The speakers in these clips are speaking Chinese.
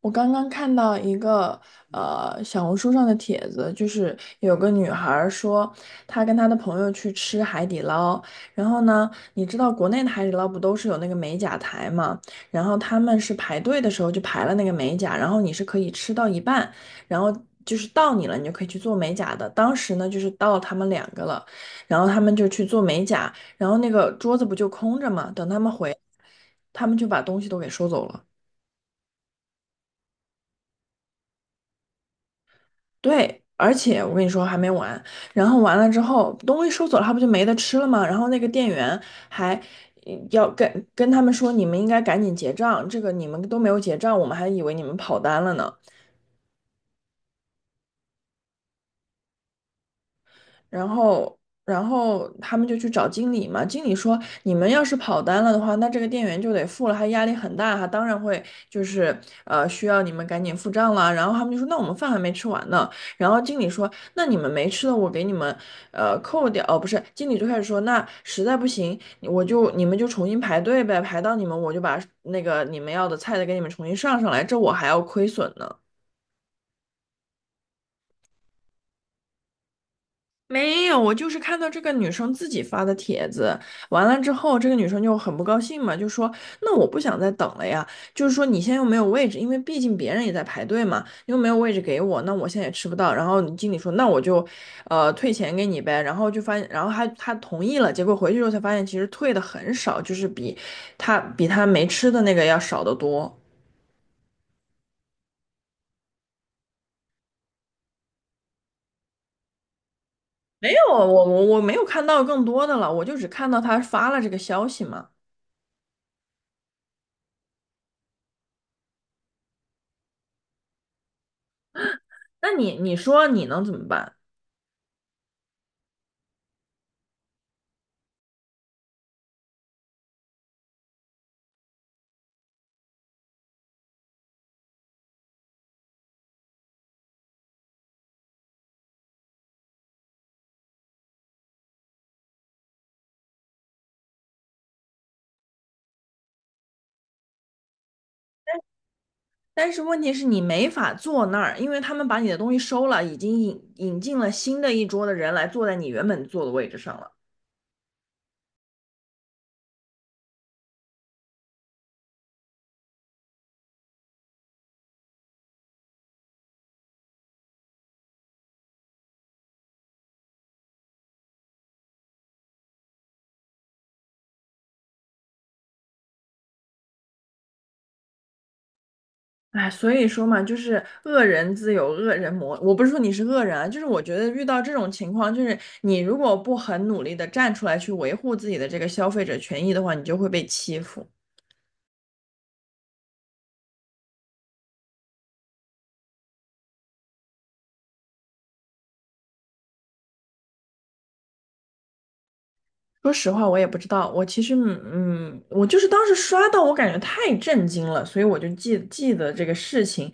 我刚刚看到一个小红书上的帖子，就是有个女孩儿说，她跟她的朋友去吃海底捞，然后呢，你知道国内的海底捞不都是有那个美甲台嘛，然后他们是排队的时候就排了那个美甲，然后你是可以吃到一半，然后就是到你了，你就可以去做美甲的。当时呢，就是到他们两个了，然后他们就去做美甲，然后那个桌子不就空着嘛，等他们回，他们就把东西都给收走了。对，而且我跟你说还没完，然后完了之后东西收走了，他不就没得吃了吗？然后那个店员还要跟他们说，你们应该赶紧结账，这个你们都没有结账，我们还以为你们跑单了呢。然后，然后他们就去找经理嘛。经理说，你们要是跑单了的话，那这个店员就得付了，他压力很大，他当然会就是需要你们赶紧付账了。然后他们就说，那我们饭还没吃完呢。然后经理说，那你们没吃的，我给你们扣掉。哦，不是，经理就开始说，那实在不行，我就你们就重新排队呗，排到你们我就把那个你们要的菜的给你们重新上上来，这我还要亏损呢。没有，我就是看到这个女生自己发的帖子，完了之后，这个女生就很不高兴嘛，就说：“那我不想再等了呀，就是说你现在又没有位置，因为毕竟别人也在排队嘛，又没有位置给我，那我现在也吃不到。”然后你经理说：“那我就，呃，退钱给你呗。”然后就发现，然后他同意了，结果回去之后才发现，其实退的很少，就是比他没吃的那个要少得多。没有，我没有看到更多的了，我就只看到他发了这个消息嘛。那你说你能怎么办？但是问题是你没法坐那儿，因为他们把你的东西收了，已经引进了新的一桌的人来坐在你原本坐的位置上了。哎，所以说嘛，就是恶人自有恶人磨。我不是说你是恶人啊，就是我觉得遇到这种情况，就是你如果不很努力的站出来去维护自己的这个消费者权益的话，你就会被欺负。说实话，我也不知道，我其实我就是当时刷到，我感觉太震惊了，所以我就记得这个事情。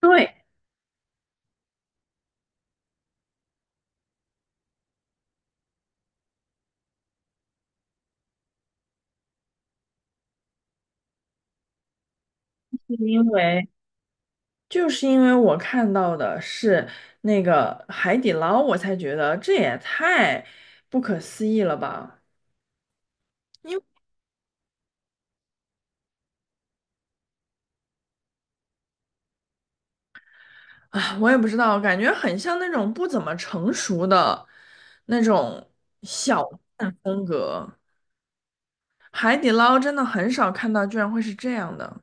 对，是因为。就是因为我看到的是那个海底捞，我才觉得这也太不可思议了吧！因为啊，我也不知道，感觉很像那种不怎么成熟的那种小店风格。海底捞真的很少看到，居然会是这样的。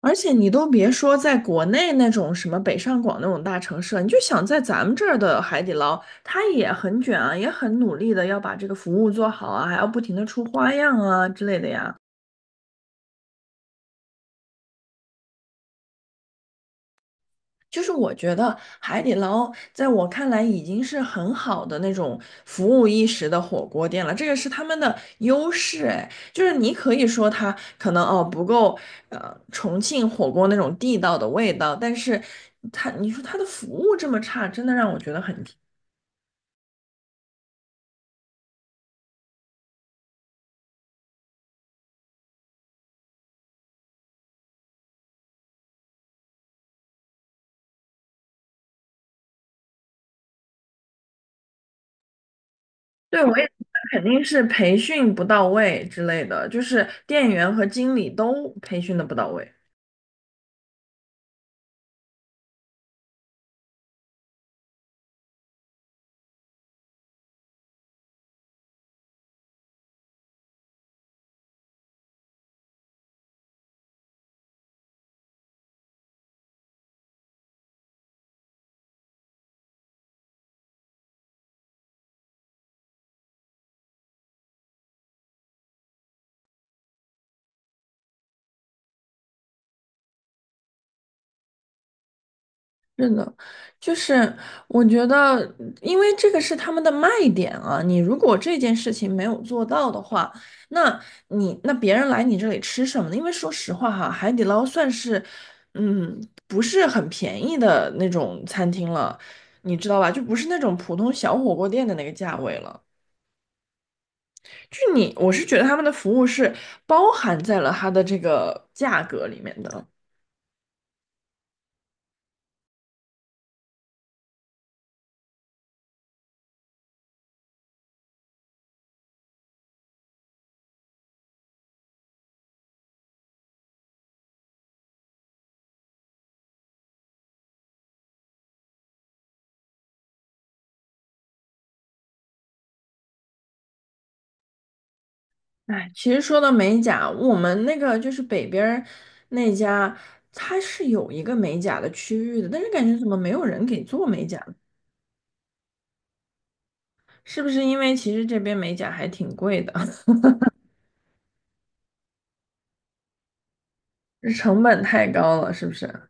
而且你都别说在国内那种什么北上广那种大城市了，你就想在咱们这儿的海底捞，它也很卷啊，也很努力的要把这个服务做好啊，还要不停的出花样啊之类的呀。就是我觉得海底捞在我看来已经是很好的那种服务意识的火锅店了，这个是他们的优势。哎，就是你可以说它可能哦不够，呃，重庆火锅那种地道的味道，但是它你说它的服务这么差，真的让我觉得很。对，我也觉得肯定是培训不到位之类的，就是店员和经理都培训的不到位。是的，就是我觉得，因为这个是他们的卖点啊。你如果这件事情没有做到的话，那你那别人来你这里吃什么呢？因为说实话哈，海底捞算是，嗯，不是很便宜的那种餐厅了，你知道吧？就不是那种普通小火锅店的那个价位了。就你，我是觉得他们的服务是包含在了它的这个价格里面的。哎，其实说到美甲，我们那个就是北边儿那家，它是有一个美甲的区域的，但是感觉怎么没有人给做美甲呢？是不是因为其实这边美甲还挺贵的，成本太高了，是不是？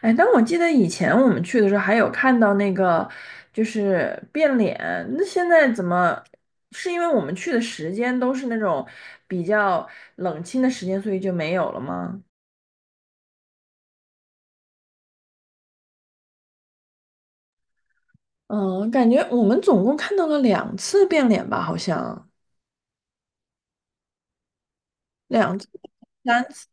哎，但我记得以前我们去的时候还有看到那个就是变脸，那现在怎么？是因为我们去的时间都是那种比较冷清的时间，所以就没有了吗？嗯，感觉我们总共看到了两次变脸吧，好像两次、三次，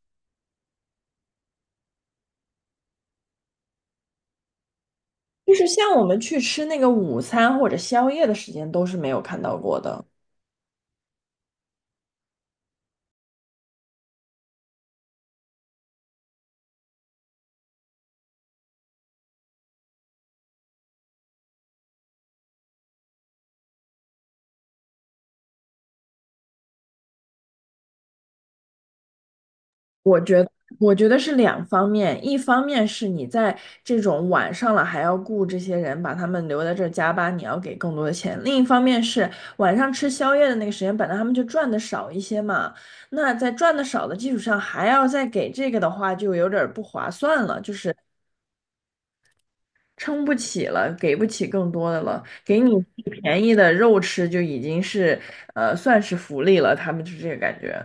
就是像我们去吃那个午餐或者宵夜的时间都是没有看到过的。我觉得是两方面，一方面是你在这种晚上了还要雇这些人，把他们留在这儿加班，你要给更多的钱；另一方面是晚上吃宵夜的那个时间，本来他们就赚的少一些嘛，那在赚的少的基础上还要再给这个的话，就有点儿不划算了，就是。撑不起了，给不起更多的了，给你最便宜的肉吃就已经是，呃，算是福利了。他们就是这个感觉。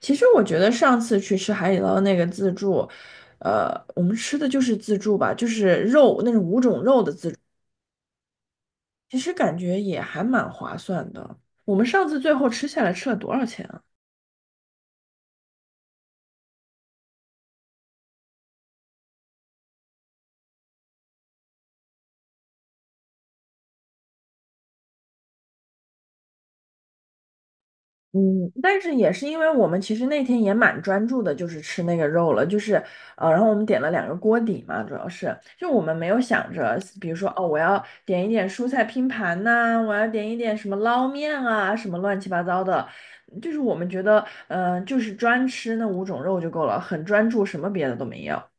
其实我觉得上次去吃海底捞那个自助，呃，我们吃的就是自助吧，就是肉那种五种肉的自助，其实感觉也还蛮划算的。我们上次最后吃下来吃了多少钱啊？嗯，但是也是因为我们其实那天也蛮专注的，就是吃那个肉了，就是呃，然后我们点了两个锅底嘛，主要是就我们没有想着，比如说哦，我要点一点蔬菜拼盘呐、我要点一点什么捞面啊，什么乱七八糟的，就是我们觉得，呃，就是专吃那五种肉就够了，很专注，什么别的都没要。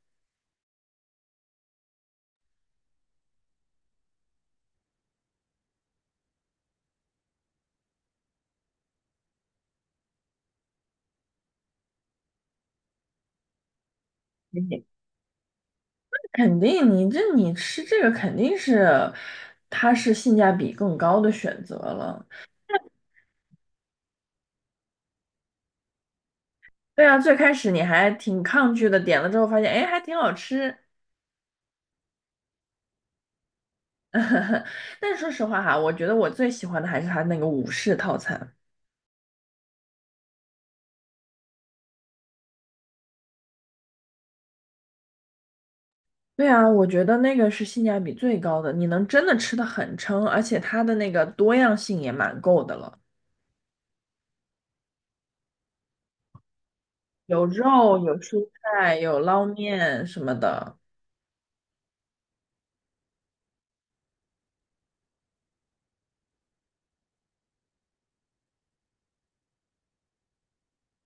嗯，肯定你这你吃这个肯定是，它是性价比更高的选择了。对啊，最开始你还挺抗拒的，点了之后发现，哎，还挺好吃。但说实话哈，我觉得我最喜欢的还是它那个武士套餐。对啊，我觉得那个是性价比最高的，你能真的吃的很撑，而且它的那个多样性也蛮够的了，有肉，有蔬菜，有捞面什么的。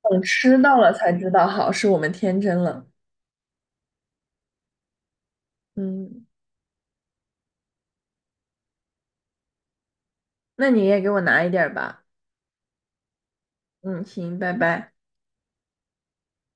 等吃到了才知道，好，是我们天真了。嗯，那你也给我拿一点儿吧。嗯，行，拜拜。